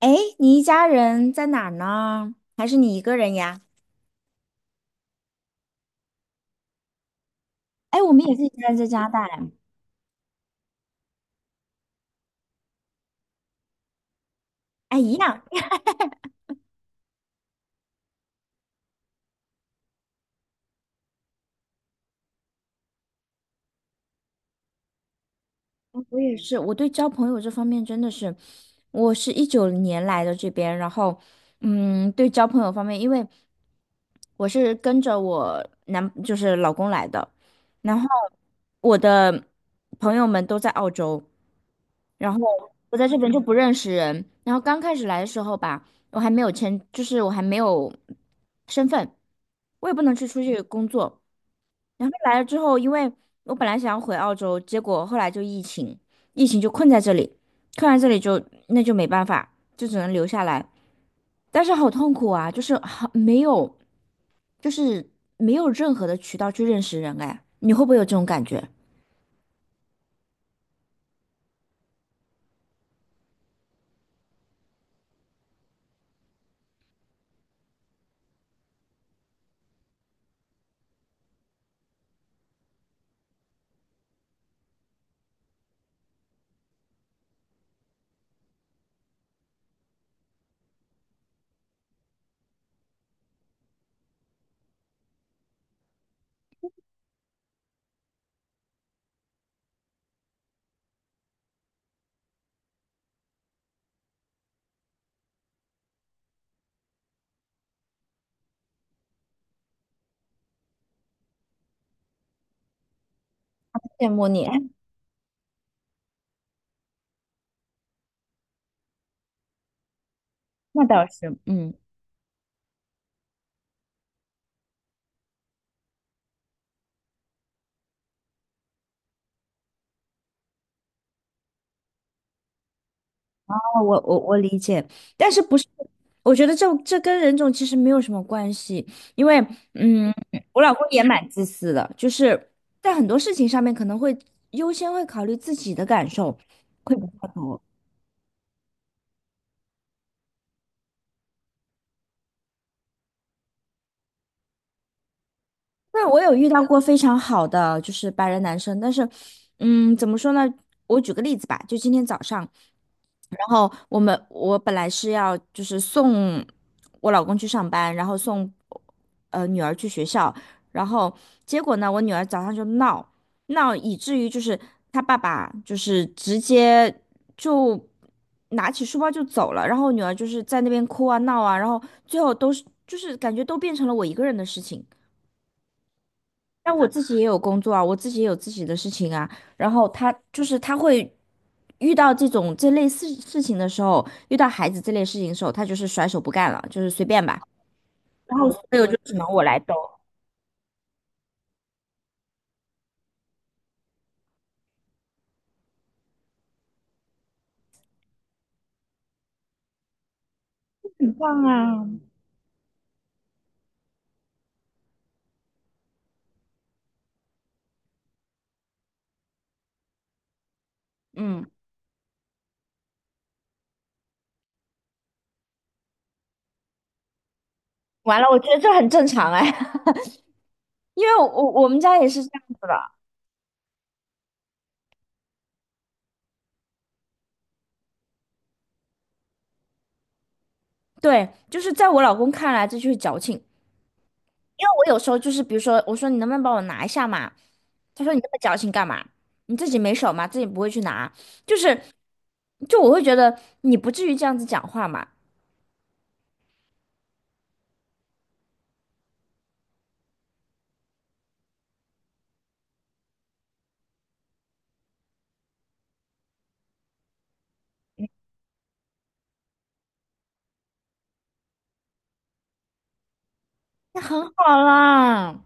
哎，你一家人在哪儿呢？还是你一个人呀？哎，我们也是一个人在家带。大哎。哎，一样，我也是。我对交朋友这方面真的是，我是一九年来的这边，然后，嗯，对交朋友方面，因为我是跟着我男，就是老公来的，然后我的朋友们都在澳洲。然后我在这边就不认识人。然后刚开始来的时候吧，我还没有签，就是我还没有身份，我也不能去出去工作。然后来了之后，因为我本来想要回澳洲，结果后来就疫情，疫情就困在这里，困在这里就那就没办法，就只能留下来。但是好痛苦啊，就是好没有，就是没有任何的渠道去认识人哎，你会不会有这种感觉？羡慕你，那倒是，嗯。哦我理解，但是不是？我觉得这跟人种其实没有什么关系，因为嗯，我老公也蛮自私的，就是在很多事情上面可能会优先会考虑自己的感受，会比较多。对，我有遇到过非常好的就是白人男生，但是，嗯，怎么说呢？我举个例子吧，就今天早上，然后我本来是要就是送我老公去上班，然后送女儿去学校，然后结果呢，我女儿早上就闹，以至于就是她爸爸就是直接就拿起书包就走了，然后我女儿就是在那边哭啊闹啊，然后最后都是就是感觉都变成了我一个人的事情。但我自己也有工作啊，我自己也有自己的事情啊。然后他就是他会遇到这种这类事情的时候，他就是甩手不干了，就是随便吧。然后所有就只能我来兜。嗯，完了，我觉得这很正常哎，因为我们家也是这样子的。对，就是在我老公看来，这就是矫情。因为我有时候就是，比如说，我说你能不能帮我拿一下嘛？他说你那么矫情干嘛？你自己没手吗？自己不会去拿？就是，就我会觉得你不至于这样子讲话嘛，那很好啦，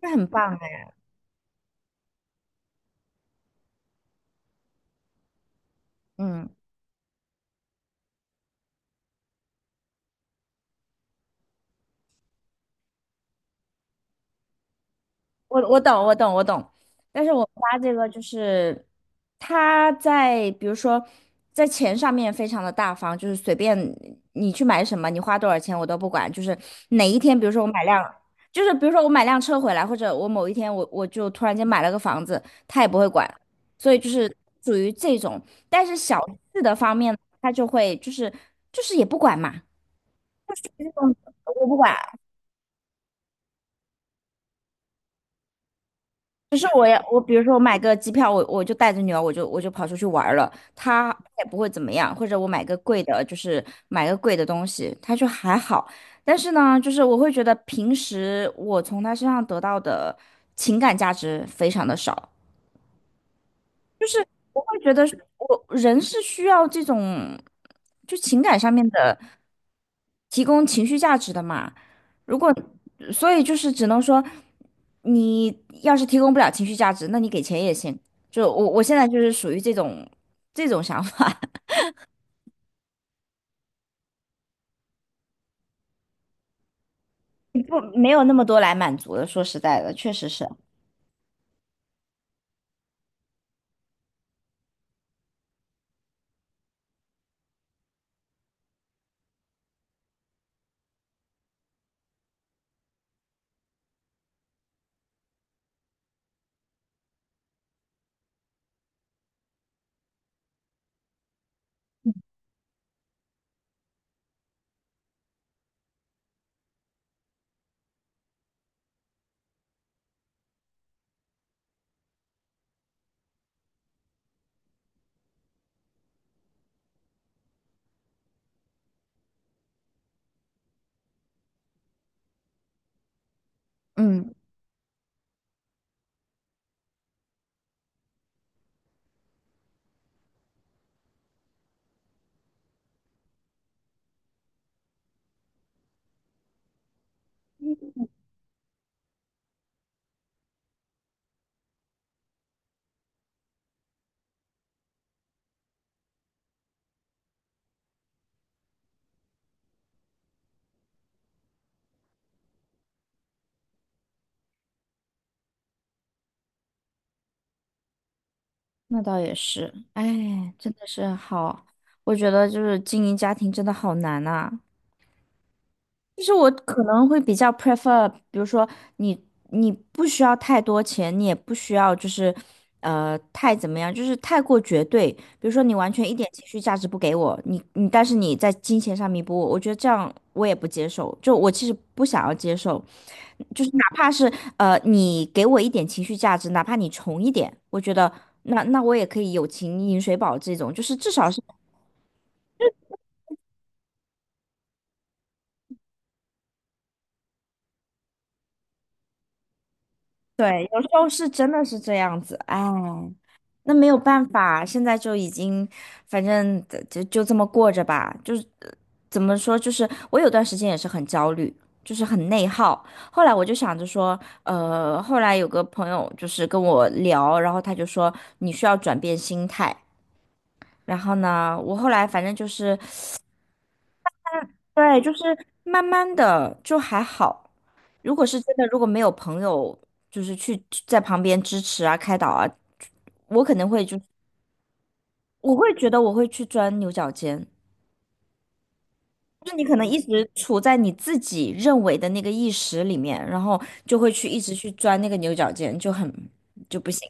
那很棒哎，嗯。我懂。但是我发这个就是，他在比如说在钱上面非常的大方，就是随便你去买什么，你花多少钱我都不管。就是哪一天，比如说我买辆，就是比如说我买辆车回来，或者我某一天我就突然间买了个房子，他也不会管。所以就是属于这种，但是小事的方面他就会就是也不管嘛，就是我不管，就是我要，比如说我买个机票，我就带着女儿，我就跑出去玩儿了，她也不会怎么样。或者我买个贵的，就是买个贵的东西，她就还好。但是呢，就是我会觉得平时我从她身上得到的情感价值非常的少，我会觉得是我人是需要这种就情感上面的提供情绪价值的嘛。如果所以就是只能说，你要是提供不了情绪价值，那你给钱也行。就我现在就是属于这种想法，不没有那么多来满足的。说实在的，确实是，嗯，那倒也是。哎，真的是好，我觉得就是经营家庭真的好难呐、就是我可能会比较 prefer，比如说你你不需要太多钱，你也不需要就是太怎么样，就是太过绝对。比如说你完全一点情绪价值不给我，你但是你在金钱上弥补我，我觉得这样我也不接受。就我其实不想要接受，就是哪怕是你给我一点情绪价值，哪怕你穷一点，我觉得那我也可以友情饮水饱这种，就是至少是。对，有时候是真的是这样子，哎，那没有办法，现在就已经，反正就这么过着吧。就是怎么说，就是我有段时间也是很焦虑，就是很内耗。后来我就想着说，后来有个朋友就是跟我聊，然后他就说你需要转变心态。然后呢，我后来反正就是对，就是慢慢的就还好。如果是真的，如果没有朋友就是去在旁边支持啊、开导啊，我可能会就我会觉得我会去钻牛角尖。就是你可能一直处在你自己认为的那个意识里面，然后就会一直去钻那个牛角尖，就很就不行，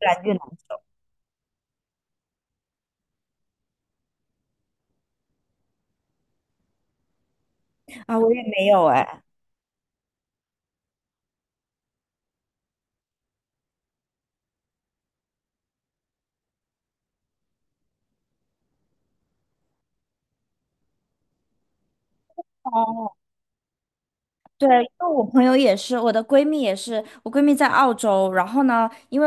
越来越难啊！我也没有哎。哦，对，因为我朋友也是，我的闺蜜也是，我闺蜜在澳洲，然后呢，因为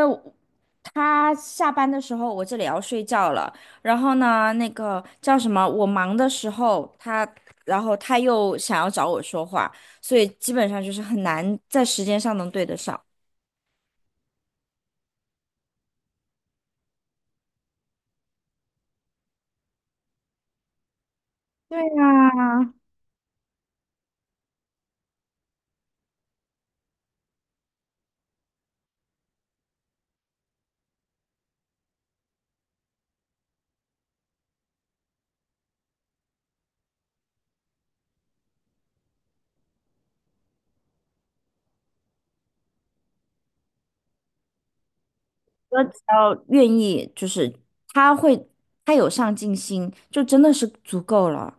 他下班的时候，我这里要睡觉了。然后呢，那个叫什么，我忙的时候，他，然后他又想要找我说话，所以基本上就是很难在时间上能对得上。对呀，我只要愿意，就是他会，他有上进心，就真的是足够了。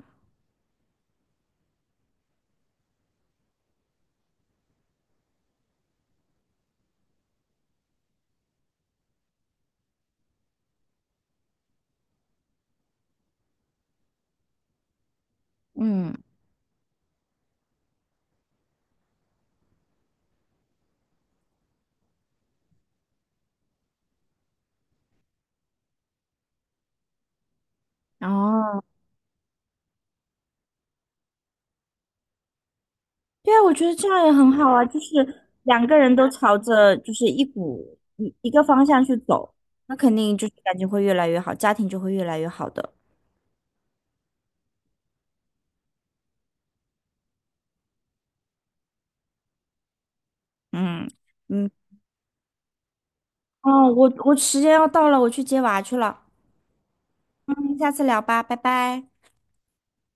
嗯，哦。对啊，我觉得这样也很好啊，就是两个人都朝着就是一股一一个方向去走，那肯定就是感情会越来越好，家庭就会越来越好的。嗯嗯，哦，我时间要到了，我去接娃去了，嗯，下次聊吧，拜拜。